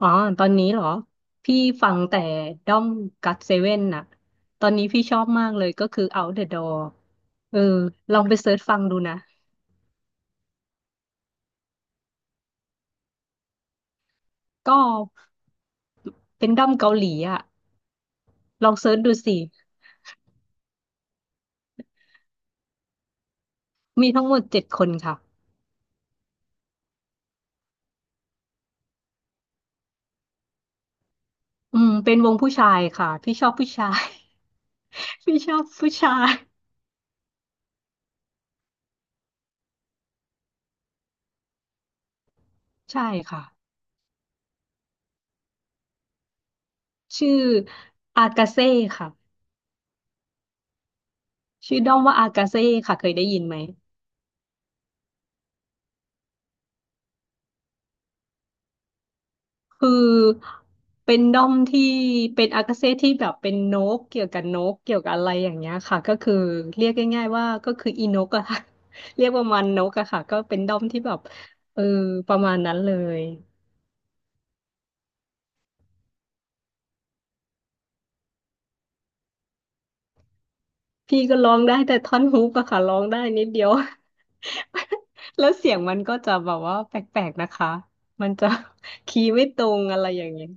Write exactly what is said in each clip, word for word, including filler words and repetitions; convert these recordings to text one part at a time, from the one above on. อ๋อตอนนี้เหรอ พี่ฟังแต่ด้อมกัดเซเว่นน่ะตอนนี้พี่ชอบมากเลยก็คือ Out the Door เออลองไปเสิร์ชฟังดูนะ ก็เป็นด้อมเกาหลีอ่ะลองเสิร์ชดูสิ มีทั้งหมดเจ็ดคนค่ะอืมเป็นวงผู้ชายค่ะพี่ชอบผู้ชาย พี่ชอบผู้ชายใช่ค่ะชื่ออากาเซ่ค่ะชื่อด้อมว่าอากาเซ่ค่ะเคยได้ยินไหม คือเป็นด้อมที่เป็นอากาเซ่ที่แบบเป็นนกเกี่ยวกับนกเกี่ยวกับอะไรอย่างเงี้ยค่ะก็คือเรียกง่ายๆว่าก็คืออีนกอะค่ะ เรียกประมาณนกอะค่ะก็เป็นด้อมที่แบบเออประมาณนั้นเลยพี่ก็ร้องได้แต่ท่อนฮุกอะค่ะร้องได้นิดเดียว แล้วเสียงมันก็จะแบบว่าแปลกๆนะคะมันจะ คีย์ไม่ตรงอะไรอย่างเงี้ย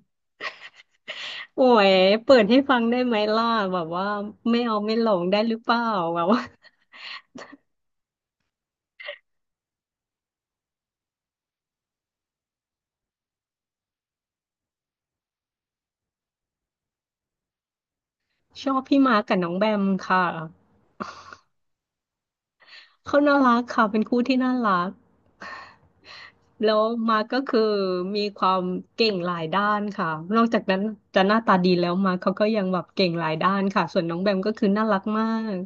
โอ้ยเปิดให้ฟังได้ไหมล่ะแบบว่าไม่เอาไม่หลงได้หรือเปล่าแบบว่า ชอบพี่มาร์กกับน้องแบมค่ะเขาน่ารักค่ะเป็นคู่ที่น่ารักแล้วมาร์กก็คือมีความเก่งหลายด้านค่ะนอกจากนั้นจะหน้าตาดีแล้วมาร์กเขาก็ยังแบบเก่งหลายด้านค่ะส่วนน้องแบมก็คือน่ารักมาก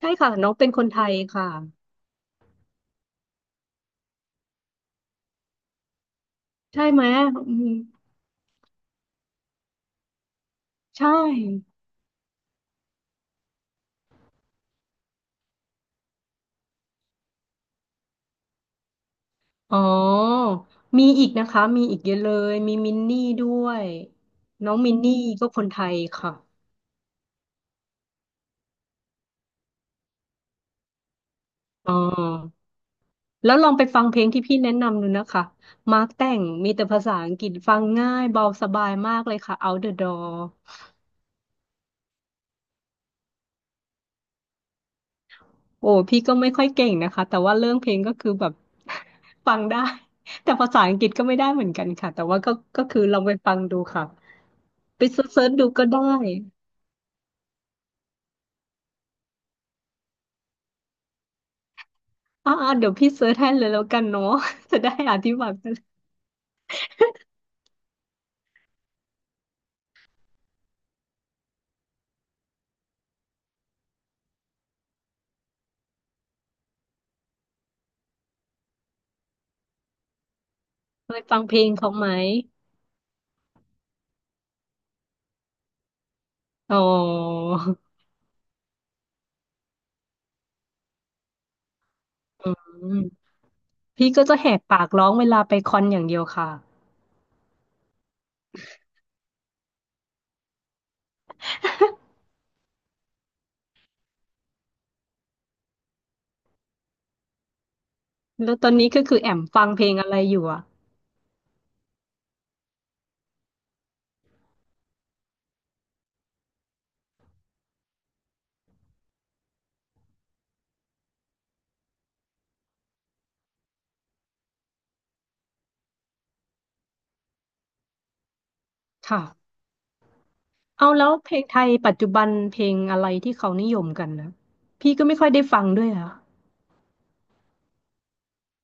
ใช่ค่ะน้องเป็นคนไทยค่ะใช่ไหมอืมใช่อ๋อมีอีกนะคะมีอีกเยอะเลยมีมินนี่ด้วยน้องมินนี่ก็คนไทยค่ะอ๋อ แล้วลองไปฟังเพลงที่พี่แนะนำดูนะคะมาร์คแต่งมีแต่ภาษาอังกฤษฟังง่ายเบาสบายมากเลยค่ะ Out the Door โอ้พี่ก็ไม่ค่อยเก่งนะคะแต่ว่าเรื่องเพลงก็คือแบบ ฟังได้ แต่ภาษาอังกฤษก็ไม่ได้เหมือนกันค่ะ แต่ว่าก็ก็คือลองไปฟังดูค่ะ ไปเซิร์ชๆดูก็ได้อ่าๆเดี๋ยวพี่เซิร์ชให้เลยแล้วกันเนาะ จะได้อธิบายกันเคยฟังเพลงเขาไหมอ๋ออืมพี่ก็จะแหกปากร้องเวลาไปคอนอย่างเดียวค่ะ แล้วตอนนี้ก็คือแอมฟังเพลงอะไรอยู่อ่ะค่ะเอาแล้วเพลงไทยปัจจุบันเพลงอะไรที่เขานิยมกันนะพี่ก็ไม่ค่อยได้ฟังด้วยอ่ะ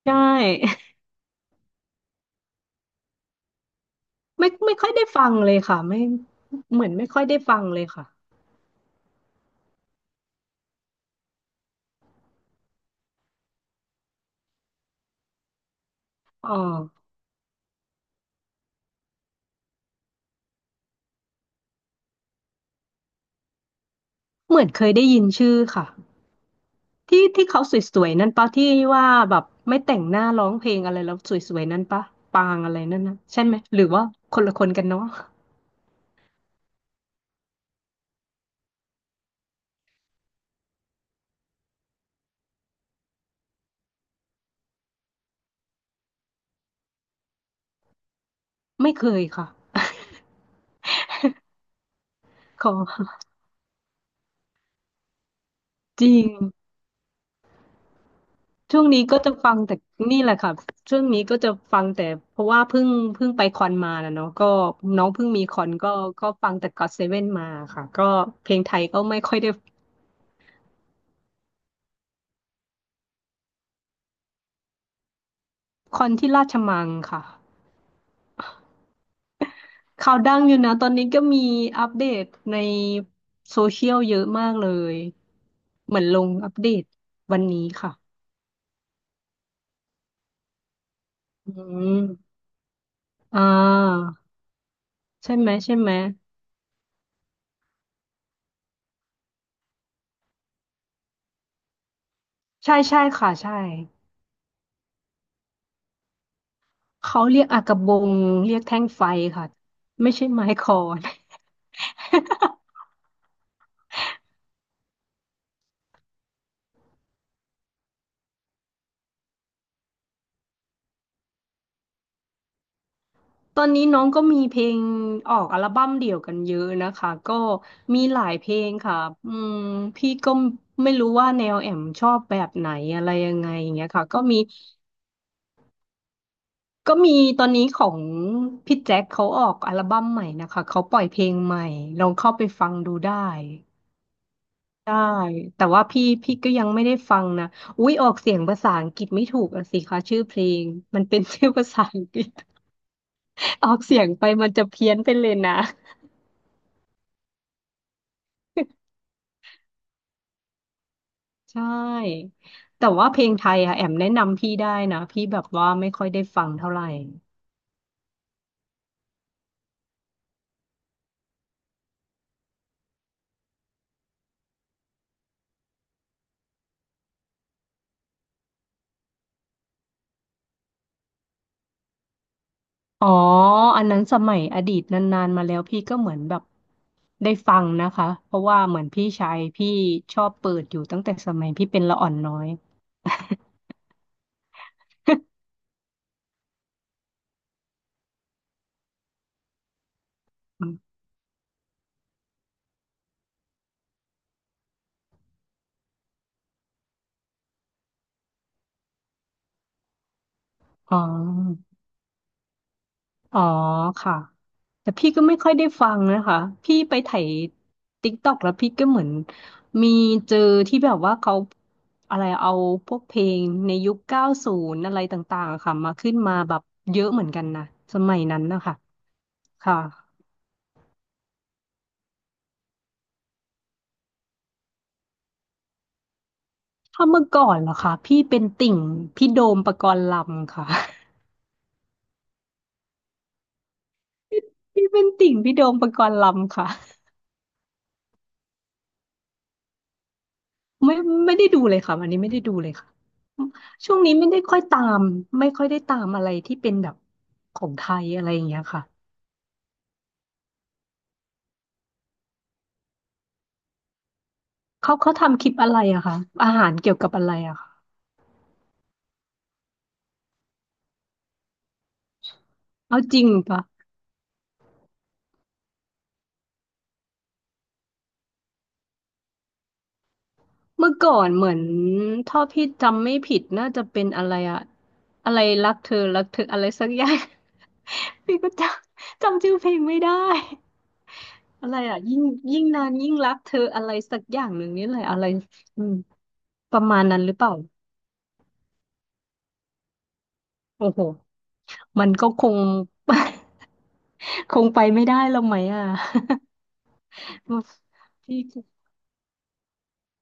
ใช่ ไม่ไม่ค่อยได้ฟังเลยค่ะไม่เหมือนไม่ค่อยได้ฟังเลยค่ะอ๋อเหมือนเคยได้ยินชื่อค่ะที่ที่เขาสวยๆนั่นปะที่ว่าแบบไม่แต่งหน้าร้องเพลงอะไรแล้วสวยๆนั่นปะปางอะไรนั่นนะใช่ไหมหรือว่าคนละคนกันเนาะไม่เคยค่ะขอ จริง ช่วงนี้ก็จะฟังแต่นี่แหละค่ะช่วงนี้ก็จะฟังแต่เพราะว่าเพิ่งเพิ่งไปคอนมานะเนาะก็น้องเพิ่งมีคอนก็ก็ฟังแต่ก็อตเซเว่นมาค่ะก็เพลงไทยก็ไม่ค่อยได้คอนที่ราชมังค่ะข่าวดังอยู่นะตอนนี้ก็มีอัปเดตในโซเชียลเยอะมากเลยเหมือนลงอัปเดตวันนี้ค่ะอืมอ่าใช่ไหมใช่ไหมใช่ใช่ค่ะใช่ เขาเรียกอากะบงเรียกแท่งไฟค่ะไม่ใช่ไม้คอน ตอนนี้น้องก็มีเพลงออกอัลบั้มเดี่ยวกันเยอะนะคะก็มีหลายเพลงค่ะอืมพี่ก็ไม่รู้ว่าแนวแอมชอบแบบไหนอะไรยังไงอย่างเงี้ยค่ะก็มีก็มีตอนนี้ของพี่แจ็คเขาออกอัลบั้มใหม่นะคะเขาปล่อยเพลงใหม่ลองเข้าไปฟังดูได้ ได้แต่ว่าพี่พี่ก็ยังไม่ได้ฟังนะอุ๊ยออกเสียงภาษาอังกฤษไม่ถูกอะสิคะชื่อเพลงมันเป็น ชื่อภาษาอังกฤษออกเสียงไปมันจะเพี้ยนไปเลยนะใช่แต่ว่าเพลงไทยอะแอมแนะนำพี่ได้นะพี่แบบว่าไม่ค่อยได้ฟังเท่าไหร่อ๋ออันนั้นสมัยอดีตนานๆมาแล้วพี่ก็เหมือนแบบได้ฟังนะคะเพราะว่าเหมือนพี่ชายพี่ชอบเปิดอยู่ตั้งแต่สมัยพี่เป็นละอ่อนน้อยอมอ๋อ อ๋อค่ะแต่พี่ก็ไม่ค่อยได้ฟังนะคะพี่ไปไถติ๊กต็อกแล้วพี่ก็เหมือนมีเจอที่แบบว่าเขาอะไรเอาพวกเพลงในยุคเก้าศูนย์อะไรต่างๆอะค่ะมาขึ้นมาแบบเยอะเหมือนกันนะสมัยนั้นนะคะค่ะถ้าเมื่อก่อนเหรอคะพี่เป็นติ่งพี่โดมปกรณ์ลำค่ะ พี่เป็นติ่งพี่โดมปกรณ์ลำค่ะ ไม่ไม่ได้ดูเลยค่ะวันนี้ไม่ได้ดูเลยค่ะช่วงนี้ไม่ได้ค่อยตามไม่ค่อยได้ตามอะไรที่เป็นแบบของไทยอะไรอย่างเงี้ยค่ะเขาเขาทำคลิปอะไรอะคะอาหารเกี่ยวกับอะไรอะคะเอาจริงปะเมื่อก่อนเหมือนถ้าพี่จำไม่ผิดน่าจะเป็นอะไรอะอะไรรักเธอรักเธออะไรสักอย่าง พี่ก็จำจำชื่อเพลงไม่ได้อะไรอะยิ่งยิ่งนานยิ่งรักเธออะไรสักอย่างหนึ่งนี่แหละอะไรอืมประมาณนั้นหรือเปล่าโอ้โห มันก็คง คงไปไม่ได้แล้วไหมอ่ะ พี่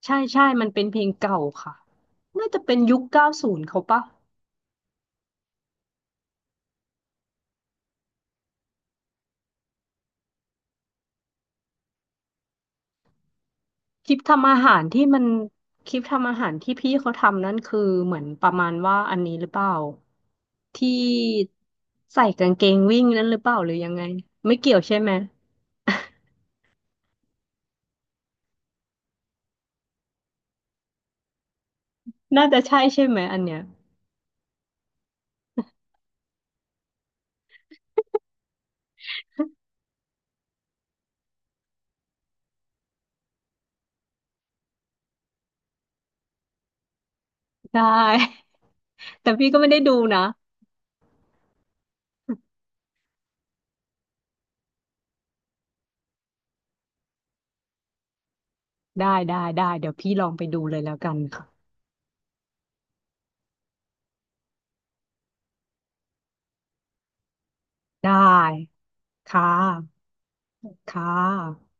ใช่ใช่มันเป็นเพลงเก่าค่ะน่าจะเป็นยุคเก้าศูนย์เขาปะคลิปทำอาหารที่มันคลิปทำอาหารที่พี่เขาทำนั่นคือเหมือนประมาณว่าอันนี้หรือเปล่าที่ใส่กางเกงวิ่งนั่นหรือเปล่าหรือยังไงไม่เกี่ยวใช่ไหม น่าจะใช่ใช่ไหมอันเนี้ยได้ แต่พี่ก็ไม่ได้ดูนะได้ได้ได้เดี๋ยวพี่ลองไปดูเลยแล้วกันค่ะได้ ค่ะค่ะ